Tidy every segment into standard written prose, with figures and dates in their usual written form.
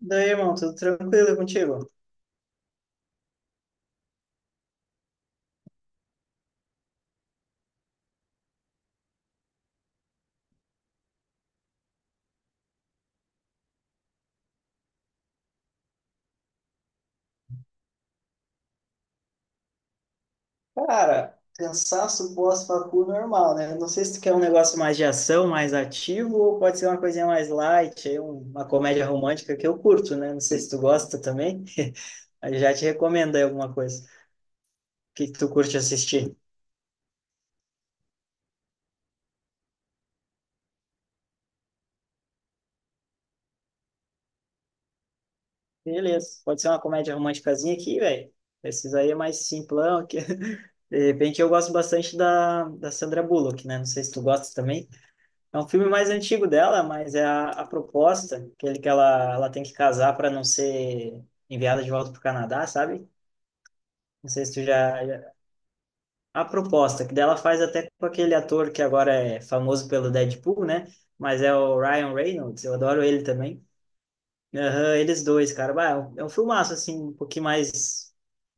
Daí, irmão, tudo tranquilo contigo? Cara, cansaço pós-facu normal, né? Não sei se tu quer um negócio mais de ação, mais ativo, ou pode ser uma coisinha mais light, aí uma comédia romântica que eu curto, né? Não sei se tu gosta também. Aí já te recomendo aí alguma coisa. O que que tu curte assistir? Beleza, pode ser uma comédia românticazinha aqui, velho. Esses aí é mais simplão. Que... De repente eu gosto bastante da Sandra Bullock, né? Não sei se tu gosta também. É um filme mais antigo dela, mas é a proposta, aquele que ela tem que casar para não ser enviada de volta para o Canadá, sabe? Não sei se tu já. A proposta, que dela faz até com aquele ator que agora é famoso pelo Deadpool, né? Mas é o Ryan Reynolds, eu adoro ele também. Aham, eles dois, cara. Bah, é um filmaço, assim, um pouquinho mais...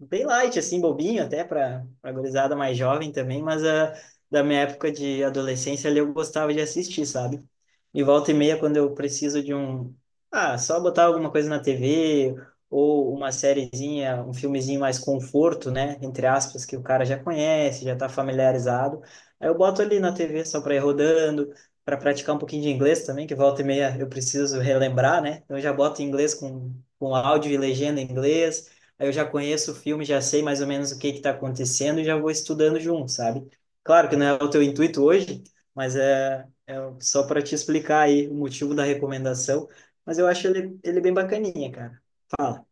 Bem light, assim, bobinho até para a gurizada mais jovem também, mas da minha época de adolescência ali eu gostava de assistir, sabe? E volta e meia, quando eu preciso de um... Ah, só botar alguma coisa na TV ou uma sériezinha, um filmezinho mais conforto, né? Entre aspas, que o cara já conhece, já tá familiarizado. Aí eu boto ali na TV só para ir rodando, para praticar um pouquinho de inglês também, que volta e meia eu preciso relembrar, né? Então eu já boto em inglês com áudio e legenda em inglês, aí eu já conheço o filme, já sei mais ou menos o que que está acontecendo e já vou estudando junto, sabe? Claro que não é o teu intuito hoje, mas é só para te explicar aí o motivo da recomendação, mas eu acho ele bem bacaninha, cara. Fala.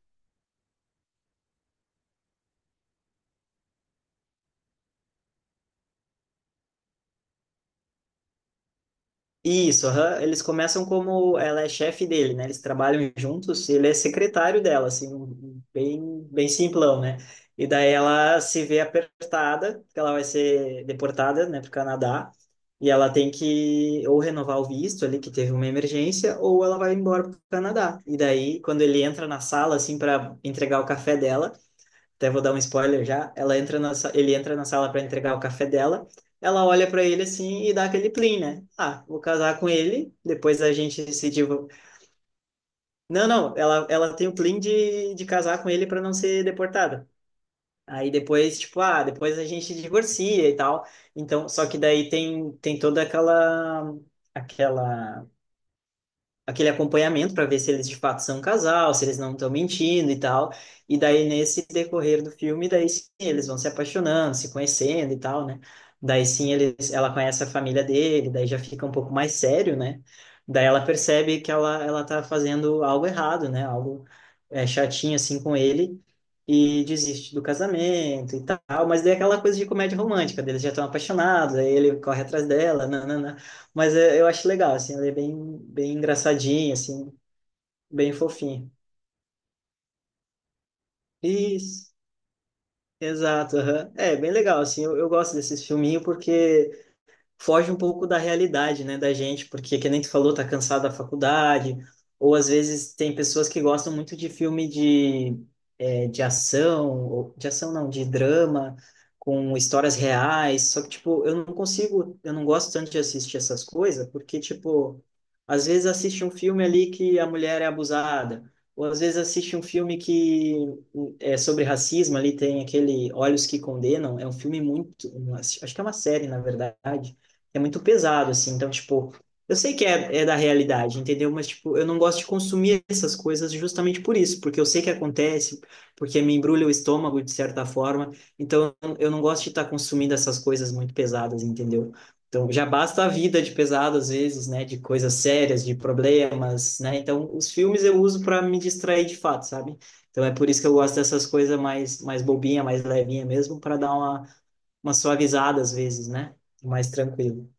Isso, aham. Eles começam como ela é chefe dele, né? Eles trabalham juntos, e ele é secretário dela, assim, um bem, bem simplão, né? E daí ela se vê apertada, porque ela vai ser deportada, né, para o Canadá, e ela tem que ou renovar o visto ali, que teve uma emergência, ou ela vai embora para o Canadá. E daí, quando ele entra na sala, assim, para entregar o café dela, até vou dar um spoiler já, ela entra ele entra na sala para entregar o café dela, ela olha para ele assim e dá aquele plim, né? Ah, vou casar com ele, depois a gente se divo... Não, não, ela tem o plim de casar com ele para não ser deportada. Aí depois, tipo, depois a gente divorcia e tal. Então, só que daí tem toda aquela aquela aquele acompanhamento para ver se eles de fato são um casal, se eles não estão mentindo e tal. E daí nesse decorrer do filme, daí sim, eles vão se apaixonando, se conhecendo e tal, né? Daí sim ela conhece a família dele, daí já fica um pouco mais sério, né? Daí ela percebe que ela tá fazendo algo errado, né? Algo chatinho assim com ele. E desiste do casamento e tal, mas daí é aquela coisa de comédia romântica, deles já estão apaixonados, aí ele corre atrás dela, nanana. Mas eu acho legal, assim, ele é bem, bem engraçadinho, assim, bem fofinho. Isso, exato, aham. É, bem legal, assim, eu gosto desses filminhos porque foge um pouco da realidade, né, da gente, porque, que nem tu falou, tá cansado da faculdade, ou às vezes tem pessoas que gostam muito de filme de, de ação, de ação não, de drama, com histórias reais, só que, tipo, eu não consigo, eu não gosto tanto de assistir essas coisas, porque, tipo, às vezes assiste um filme ali que a mulher é abusada, ou às vezes assiste um filme que é sobre racismo, ali tem aquele Olhos que Condenam, é um filme muito, acho que é uma série, na verdade, é muito pesado, assim. Então, tipo, eu sei que é da realidade, entendeu? Mas, tipo, eu não gosto de consumir essas coisas justamente por isso, porque eu sei que acontece, porque me embrulha o estômago de certa forma. Então, eu não gosto de estar consumindo essas coisas muito pesadas, entendeu? Então, já basta a vida de pesado às vezes, né? De coisas sérias, de problemas, né? Então, os filmes eu uso para me distrair de fato, sabe? Então, é por isso que eu gosto dessas coisas mais bobinha, mais levinha mesmo, para dar uma suavizada às vezes, né? Mais tranquilo.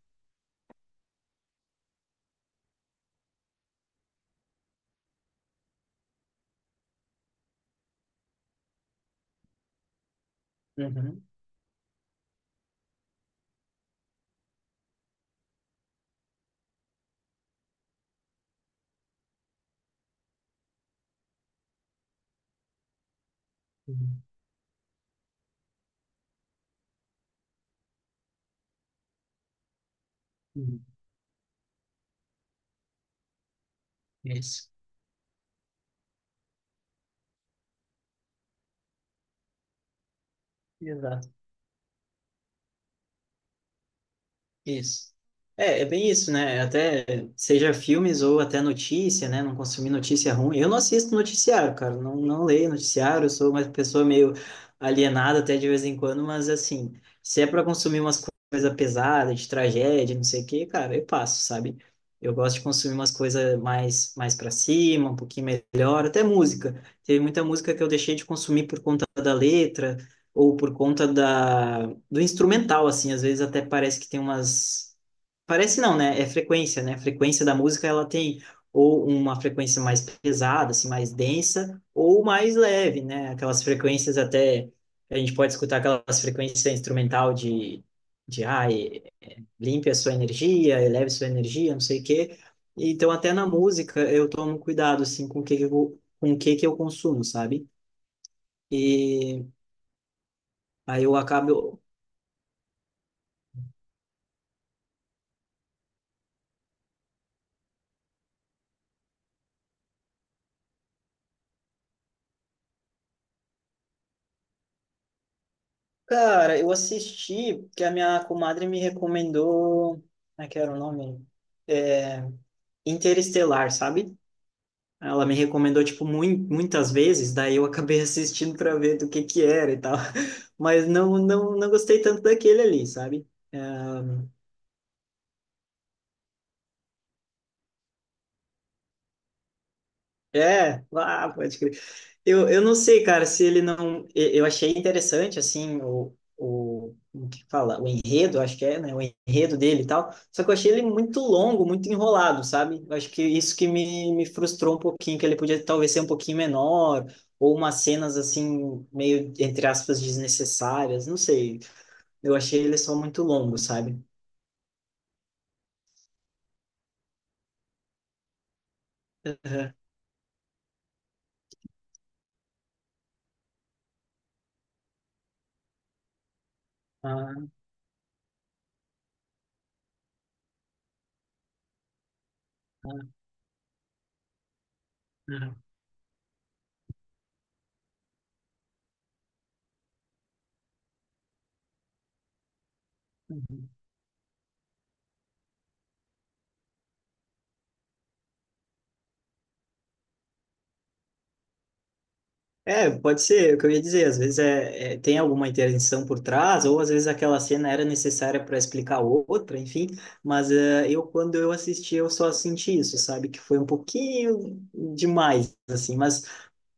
Uhum, uhum, uhum. Isso, exato. Isso. É bem isso, né? Até seja filmes ou até notícia, né? Não consumir notícia ruim. Eu não assisto noticiário, cara. Não, não leio noticiário. Eu sou uma pessoa meio alienada até de vez em quando, mas assim, se é para consumir umas coisas pesadas, de tragédia, não sei o quê, cara, eu passo, sabe? Eu gosto de consumir umas coisas mais para cima, um pouquinho melhor, até música. Teve muita música que eu deixei de consumir por conta da letra ou por conta da do instrumental, assim, às vezes até parece que tem umas. Parece não, né? É frequência, né? A frequência da música ela tem ou uma frequência mais pesada, assim, mais densa, ou mais leve, né? Aquelas frequências até. A gente pode escutar aquelas frequências instrumental de, de ah, e- limpe a sua energia, eleve sua energia, não sei o quê. Então, até na música, eu tomo cuidado, assim, com o que que eu consumo, sabe? E aí eu acabo. Cara, eu assisti que a minha comadre me recomendou. Como é que era o nome? É, Interestelar, sabe? Ela me recomendou, tipo, muitas vezes, daí eu acabei assistindo pra ver do que era e tal. Mas não, não, não gostei tanto daquele ali, sabe? É, ah, pode crer. Eu não sei, cara, se ele não. Eu achei interessante, assim, como que fala? O enredo, acho que é, né? O enredo dele e tal. Só que eu achei ele muito longo, muito enrolado, sabe? Eu acho que isso que me frustrou um pouquinho, que ele podia talvez ser um pouquinho menor, ou umas cenas, assim, meio, entre aspas, desnecessárias, não sei. Eu achei ele só muito longo, sabe? Aham. Ah, ah, ah. É, pode ser, é o que eu ia dizer, às vezes tem alguma intervenção por trás, ou às vezes aquela cena era necessária para explicar outra, enfim, mas eu, quando eu assisti, eu só senti isso, sabe, que foi um pouquinho demais, assim, mas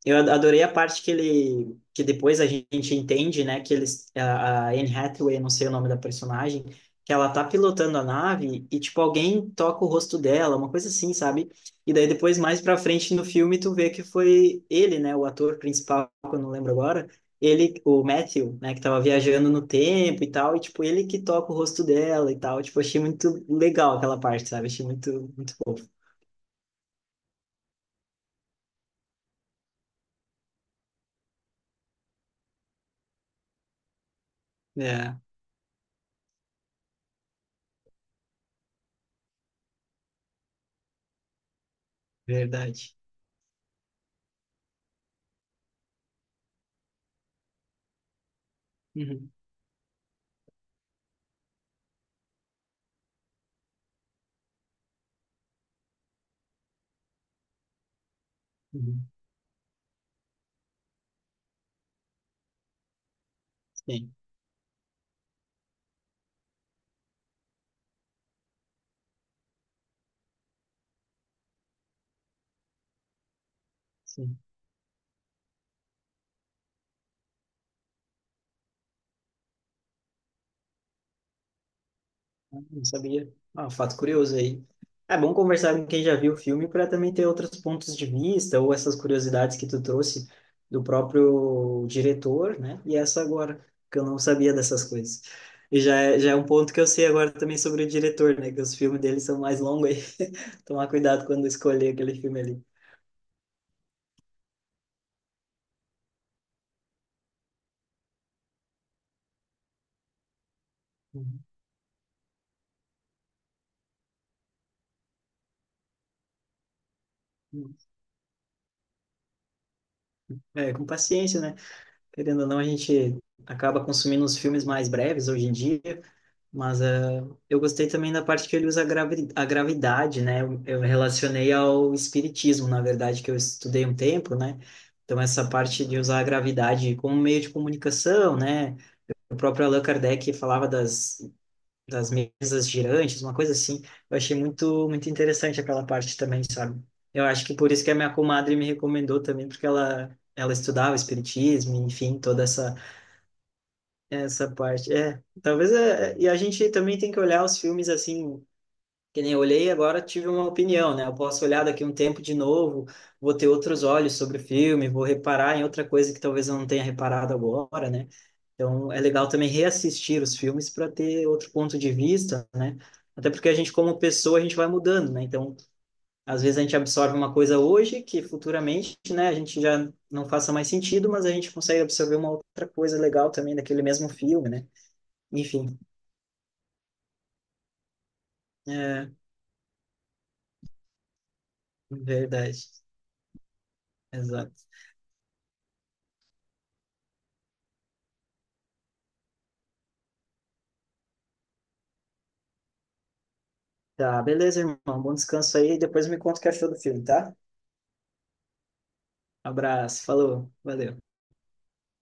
adorei a parte que ele, que depois a gente entende, né, que eles, a Anne Hathaway, não sei o nome da personagem, que ela tá pilotando a nave e, tipo, alguém toca o rosto dela, uma coisa assim, sabe? E daí depois, mais pra frente no filme, tu vê que foi ele, né, o ator principal, que eu não lembro agora, ele, o Matthew, né, que tava viajando no tempo e tal, e, tipo, ele que toca o rosto dela e tal, tipo, achei muito legal aquela parte, sabe? Achei muito, muito fofo. É, verdade. Uhum, uhum. Sim. Sim. Não sabia. Ah, um fato curioso aí. É bom conversar com quem já viu o filme para também ter outros pontos de vista ou essas curiosidades que tu trouxe do próprio diretor, né? E essa agora, que eu não sabia dessas coisas. E já é um ponto que eu sei agora também sobre o diretor, né? Que os filmes dele são mais longos aí. Tomar cuidado quando escolher aquele filme ali. Uhum. É, com paciência, né? Querendo ou não, a gente acaba consumindo os filmes mais breves hoje em dia. Mas é, eu gostei também da parte que ele usa a gravidade, né? Eu relacionei ao espiritismo, na verdade, que eu estudei um tempo, né? Então, essa parte de usar a gravidade como meio de comunicação, né? O próprio Allan Kardec falava das mesas girantes, uma coisa assim. Eu achei muito, muito interessante aquela parte também, sabe? Eu acho que por isso que a minha comadre me recomendou também, porque ela estudava espiritismo, enfim, toda essa parte, é. Talvez e a gente também tem que olhar os filmes assim, que nem eu olhei agora tive uma opinião, né? Eu posso olhar daqui um tempo de novo, vou ter outros olhos sobre o filme, vou reparar em outra coisa que talvez eu não tenha reparado agora, né? Então é legal também reassistir os filmes para ter outro ponto de vista, né? Até porque a gente, como pessoa, a gente vai mudando, né? Então, às vezes a gente absorve uma coisa hoje que futuramente, né, a gente já não faça mais sentido, mas a gente consegue absorver uma outra coisa legal também daquele mesmo filme, né? Enfim, é verdade. Exato. Tá, beleza, irmão. Bom descanso aí. Depois me conta o que achou do filme, tá? Abraço, falou, valeu.